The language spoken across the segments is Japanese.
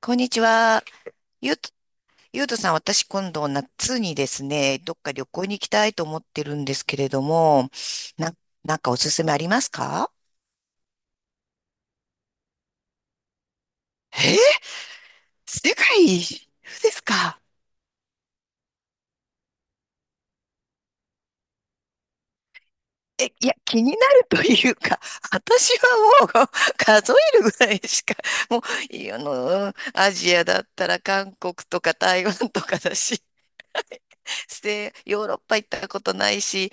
こんにちは。ゆうと、ゆうとさん、私今度夏にですね、どっか旅行に行きたいと思ってるんですけれども、な、なんかおすすめありますか？えー、世界一周ですか？え、いや、気になるというか、私はもう 数えるぐらいしか、もう、いあの、アジアだったら韓国とか台湾とかだし、ヨーロッパ行ったことないし、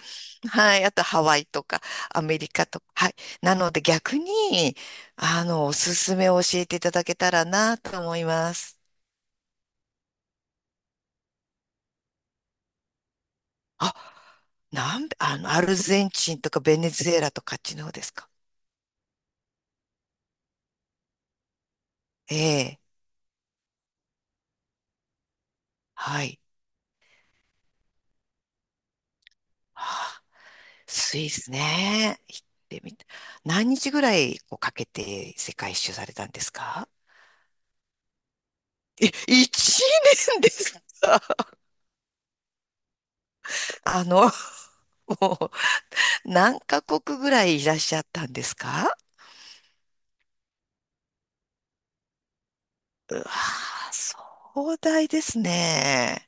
はい、あとハワイとかアメリカとか、はい。なので逆に、おすすめを教えていただけたらなと思います。あ、なんで、アルゼンチンとかベネズエラとかあっちの方ですか？ええ、はい。はあ、スイスね。行ってみた。何日ぐらいこうかけて世界一周されたんですか？え、1年ですか？ あの、もう何カ国ぐらいいらっしゃったんですか？うわー、壮大ですね。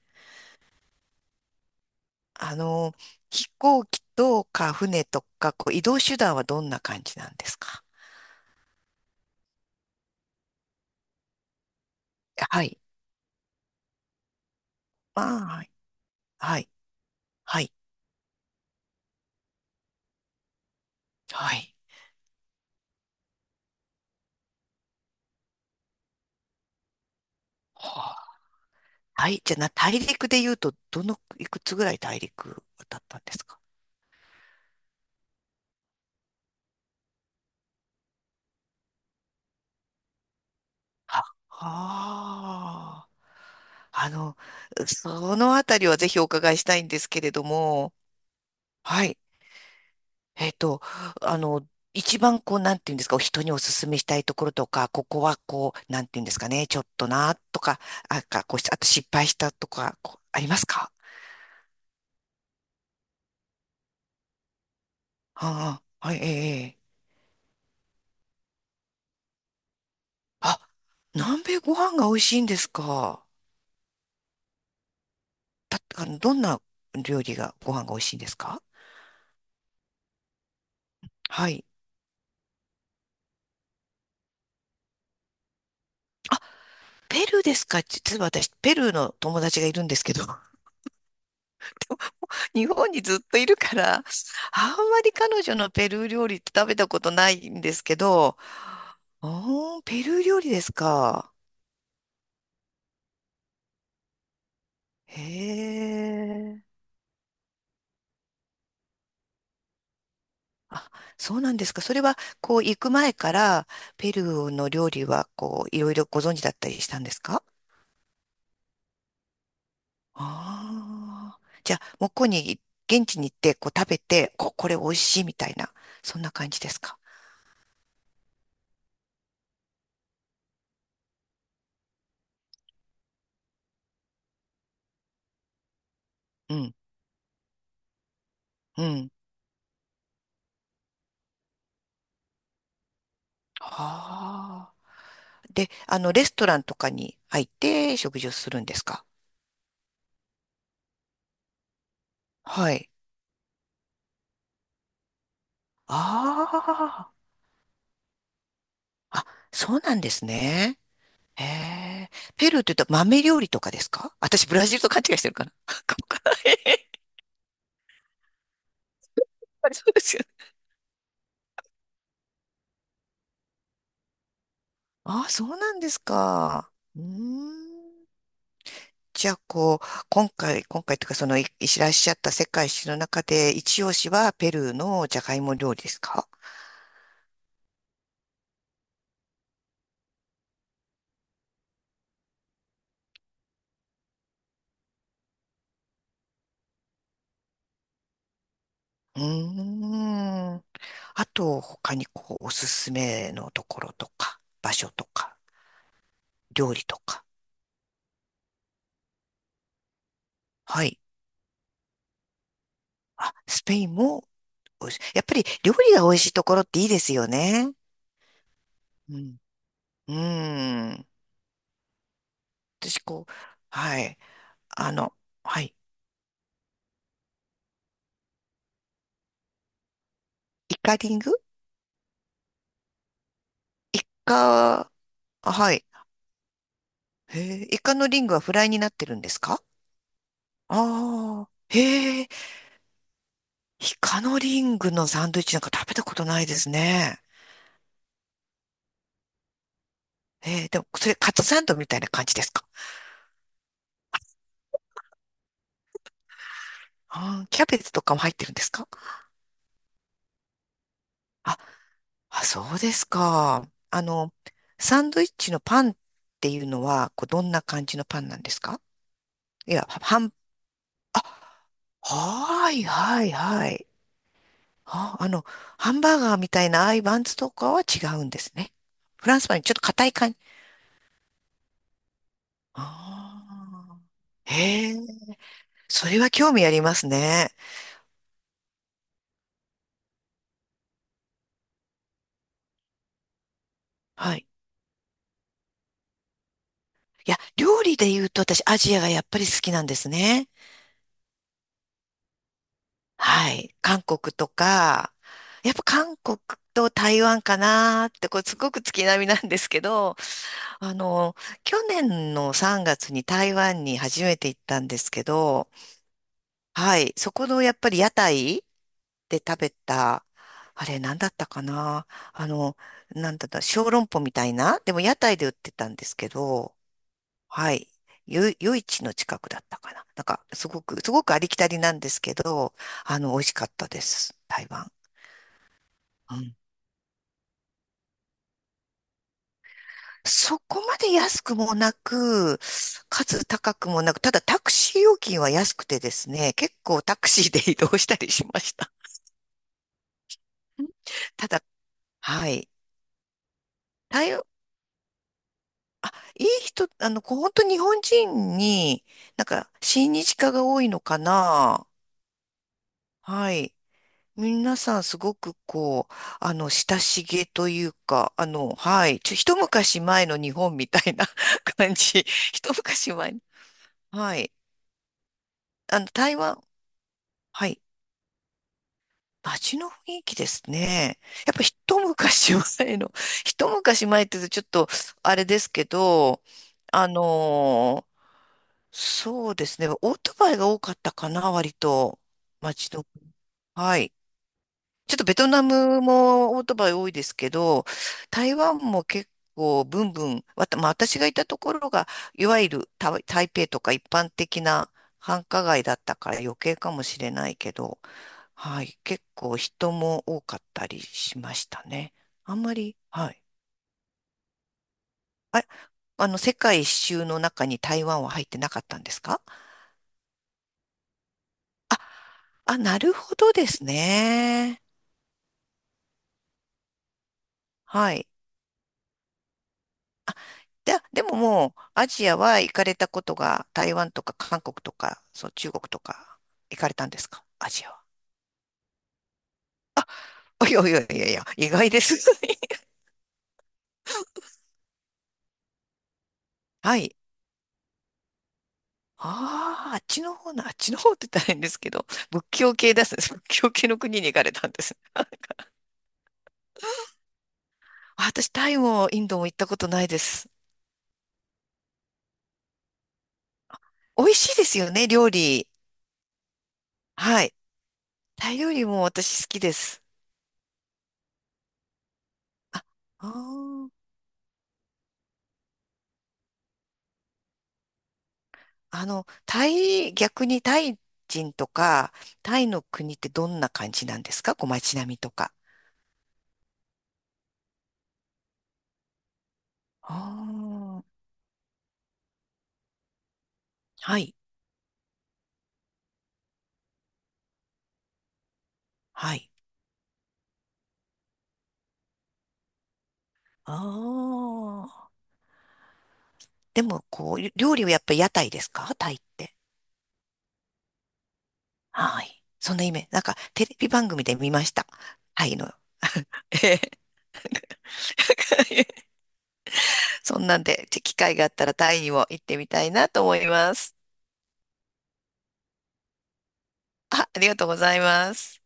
あの、飛行機とか船とか、こう移動手段はどんな感じなんですか？はい。まあ、はい。はい。はい。はい。はあ、はい。じゃあ、大陸で言うと、いくつぐらい大陸渡ったんですか？はああ、あの、そのあたりはぜひお伺いしたいんですけれども、はい。えっと、あの、一番こう、なんていうんですか、人にお勧めしたいところとか、ここはこう、なんていうんですかね、ちょっとな、とか、あ、か、こうし、あと失敗したとか、こうありますか？ああ、はい、ええ、ええ。あ、南米ご飯が美味しいんですか。た、あの、どんな料理が、ご飯が美味しいんですか？はい。ペルーですか？実は私、ペルーの友達がいるんですけど、日本にずっといるから、あんまり彼女のペルー料理って食べたことないんですけど、おー、ペルー料理ですか。へえ。あ、そうなんですか。それは、こう、行く前から、ペルーの料理は、こう、いろいろご存知だったりしたんですか？ああー。じゃあ、向こうに、現地に行って、こう、食べて、これ美味しいみたいな、そんな感じですか。うん、うん。ああ。で、レストランとかに入って食事をするんですか？はい。ああ、あ、そうなんですね。へえ。ペルーって言うと豆料理とかですか？私、ブラジルと勘違いしてるかな かもかな、へへ、やっぱりそうですよね。ああ、そうなんですか。うーん。じゃあ、こう、今回というか、その、いいらっしゃった世界史の中で、一押しはペルーのジャガイモ料理ですか？うーん。あと、他にこう、おすすめのところとか、場所とか、料理とか。はい。あ、スペインも美味しい。やっぱり料理が美味しいところっていいですよね。うん。うん。私、こう、はい。あの、はい。イカリング、イカ、あ、はい。へえ、イカのリングはフライになってるんですか？ああー、へえ、イカのリングのサンドイッチなんか食べたことないですね。えー、でも、それカツサンドみたいな感じですか？あー、キャベツとかも入ってるんですか？あ、あ、そうですか。サンドイッチのパンっていうのは、こう、どんな感じのパンなんですか？いや、ハン、あ、はい、はい、はい。あ、ハンバーガーみたいなああいうバンズとかは違うんですね。フランスパンにちょっと硬い感じ。ああ、へえ、それは興味ありますね。はい。いや、料理で言うと私、アジアがやっぱり好きなんですね。はい。韓国とか、やっぱ韓国と台湾かなーって、これすごく月並みなんですけど、あの、去年の3月に台湾に初めて行ったんですけど、はい。そこのやっぱり屋台で食べた、あれ何だったかな。あの、なんだった、小籠包みたいなでも屋台で売ってたんですけど、はい。夜市の近くだったかな。なんか、すごくありきたりなんですけど、あの、美味しかったです。台湾。うん。そこまで安くもなく、かつ高くもなく、ただタクシー料金は安くてですね、結構タクシーで移動したりしました。うん、ただ、はい。台湾、あ、いい人、あの、こう本当日本人に、なんか、親日家が多いのかな。はい。皆さんすごくこう、親しげというか、一昔前の日本みたいな 感じ。一昔前。はい。あの、台湾。はい。街の雰囲気ですね。やっぱ一昔前の、一昔前って言うとちょっと、あれですけど、あのーそうですね。オートバイが多かったかな、割と。街の。はい。ちょっとベトナムもオートバイ多いですけど、台湾も結構ブンブン、まあ私がいたところが、いわゆる台北とか一般的な繁華街だったから余計かもしれないけど、はい、結構人も多かったりしましたね。あんまり、はい。あ、世界一周の中に台湾は入ってなかったんですか？あ、なるほどですね。はい。で、でももう、アジアは行かれたことが、台湾とか韓国とか、そう、中国とか、行かれたんですか？アジアは。いやいやいやいや、意外です。はい。ああ、あっちの方なあっちの方って大変ですけど、仏教系です。仏教系の国に行かれたんです。私、タイもインドも行ったことないです。美味しいですよね、料理。はい。タイ料理も私好きです。あ、あー、タイ、逆にタイ人とか、タイの国ってどんな感じなんですか？こう街並みとか。ああ、はい。はい。ああ、でも、こう、料理はやっぱり屋台ですか、タイって。はい。そんなイメージ。なんか、テレビ番組で見ました。タイの。ええ。 そんなんで、機会があったらタイにも行ってみたいなと思います。あ、ありがとうございます。